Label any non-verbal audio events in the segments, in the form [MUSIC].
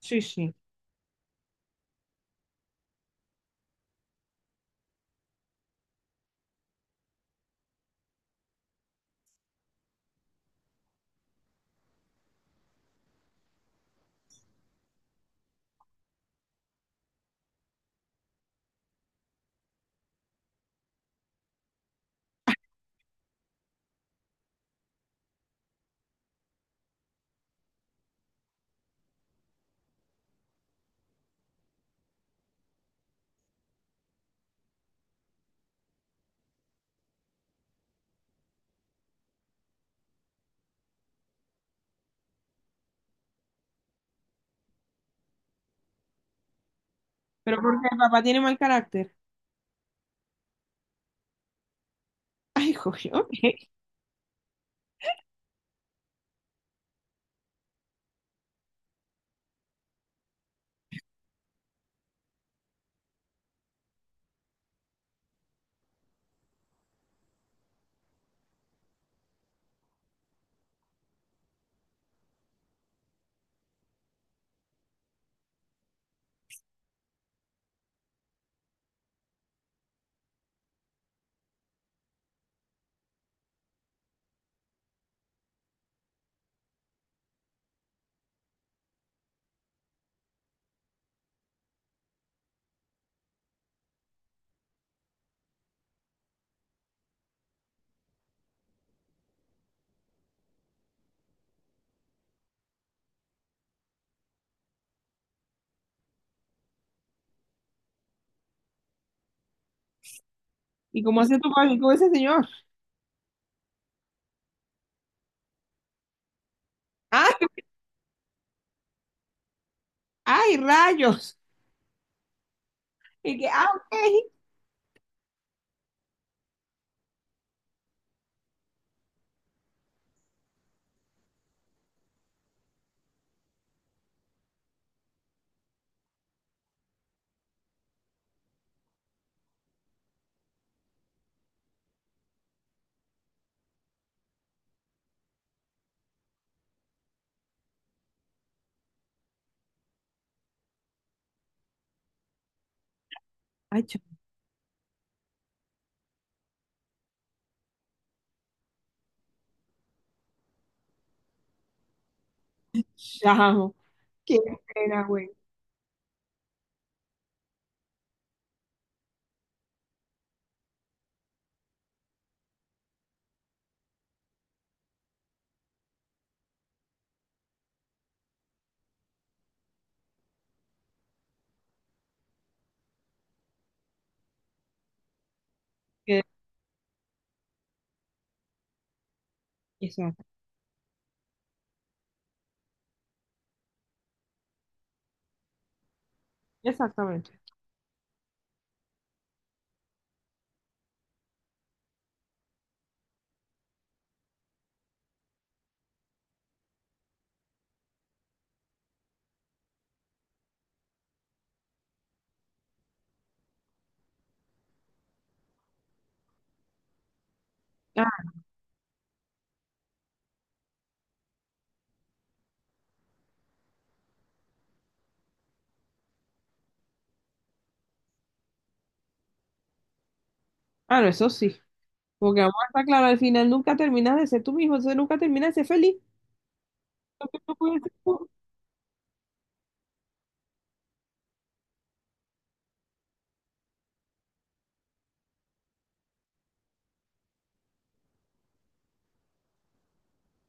Sí, sí. Pero porque el papá tiene mal carácter. [LAUGHS] Ay, joder, ok. ¿Y cómo hace tu padre con ese señor? ¡Ay, ay, rayos! Y que, ok. Ay, chao. Chao. Qué pena, güey. Qué- Exacto. Exactamente. Ah, claro, eso sí. Porque vamos a estar claro, al final nunca terminas de ser tú mismo, entonces nunca terminas de ser feliz. Lo que tú puedes ser tú.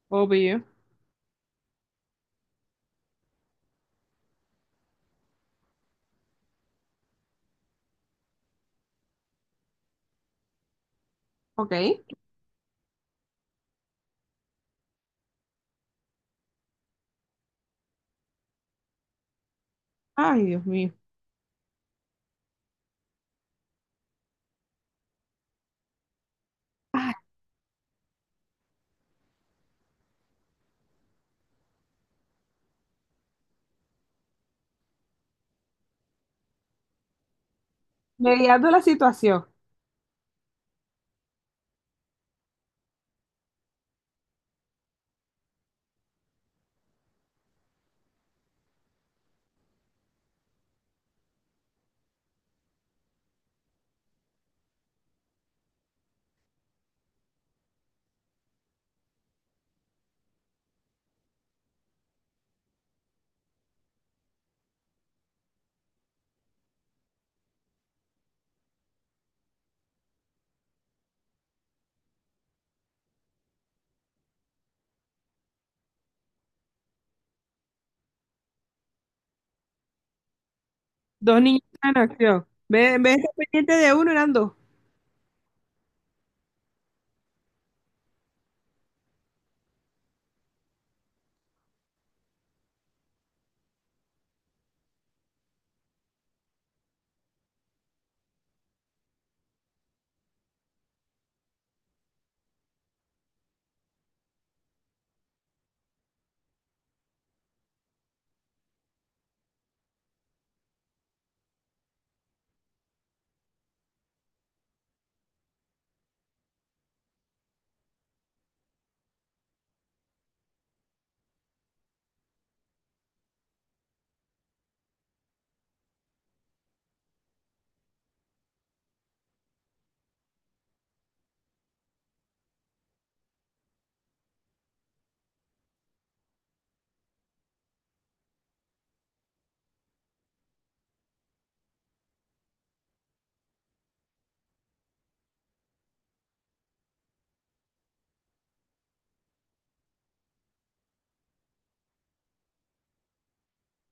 Obvio. Ok. Ay, Dios mío. Ay, mediando la situación. Dos niños en acción. Ve, ve, pendiente de uno, eran dos.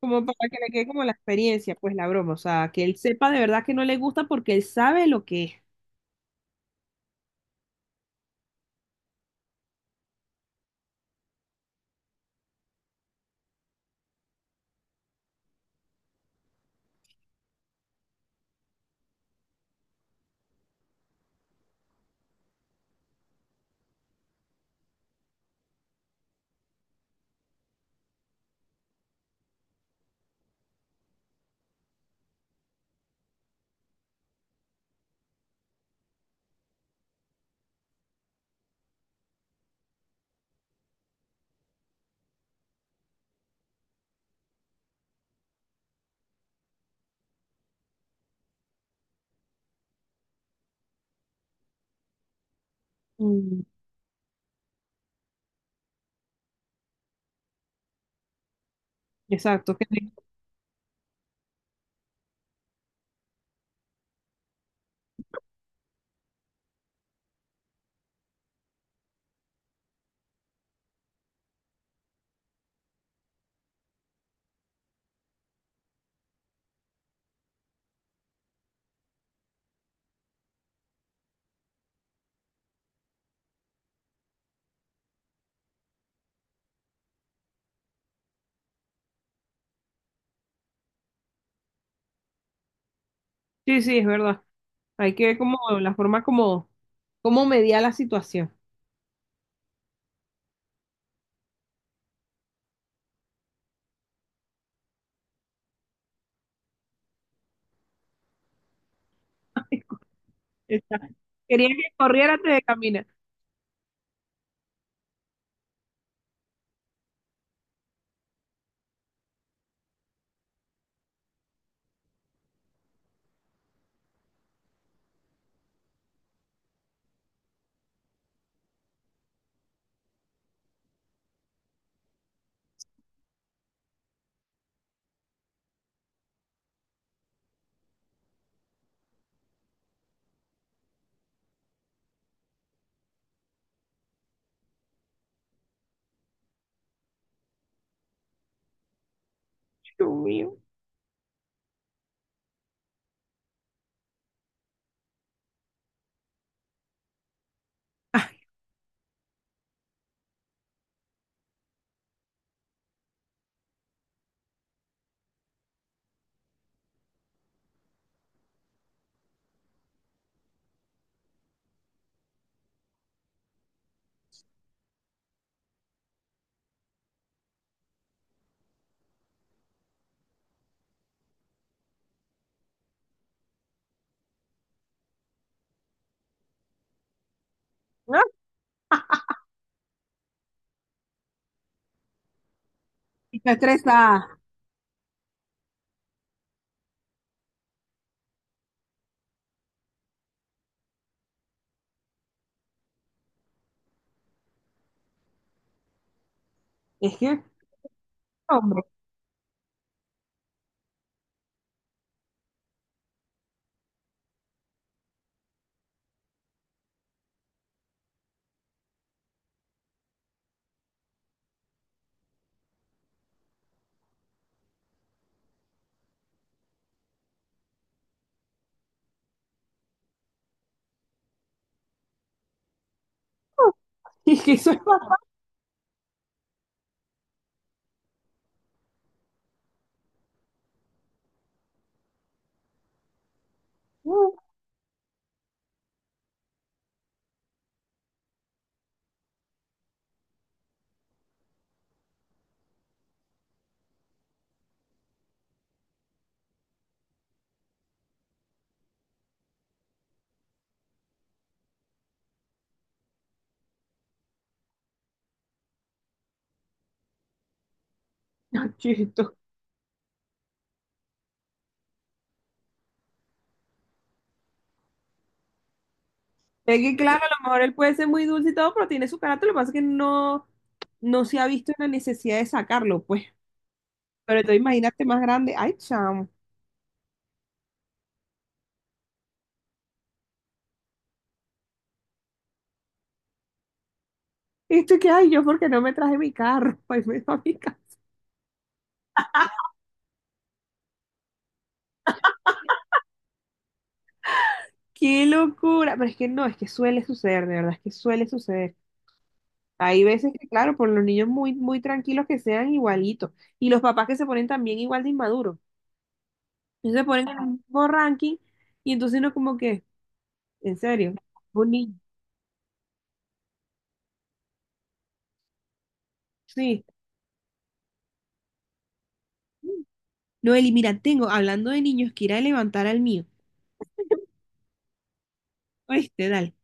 Como para que le quede como la experiencia, pues la broma. O sea, que él sepa de verdad que no le gusta porque él sabe lo que es. Mm. Exacto. Sí, sí, es verdad. Hay que ver como la forma como, como mediar la situación. [LAUGHS] Ay, quería que corriera antes de caminar. Dios mío. Ay, no, está estresada. Es que, hombre, [LAUGHS] es que eso es bastante chisto. Es que, claro, a lo mejor él puede ser muy dulce y todo, pero tiene su carácter. Lo que pasa es que no se ha visto la necesidad de sacarlo, pues. Pero entonces imagínate más grande. Ay, chamo. Esto que hay yo porque no me traje mi carro. [LAUGHS] Ay, me da mi carro. Qué locura. Pero es que no, es que suele suceder, de verdad, es que suele suceder. Hay veces que, claro, por los niños muy, muy tranquilos que sean igualitos. Y los papás que se ponen también igual de inmaduros. Entonces se ponen en el mismo ranking y entonces uno como que, en serio, un niño. Sí. No, Eli, mira, tengo, hablando de niños, que ir a levantar al mío. Oíste, dale.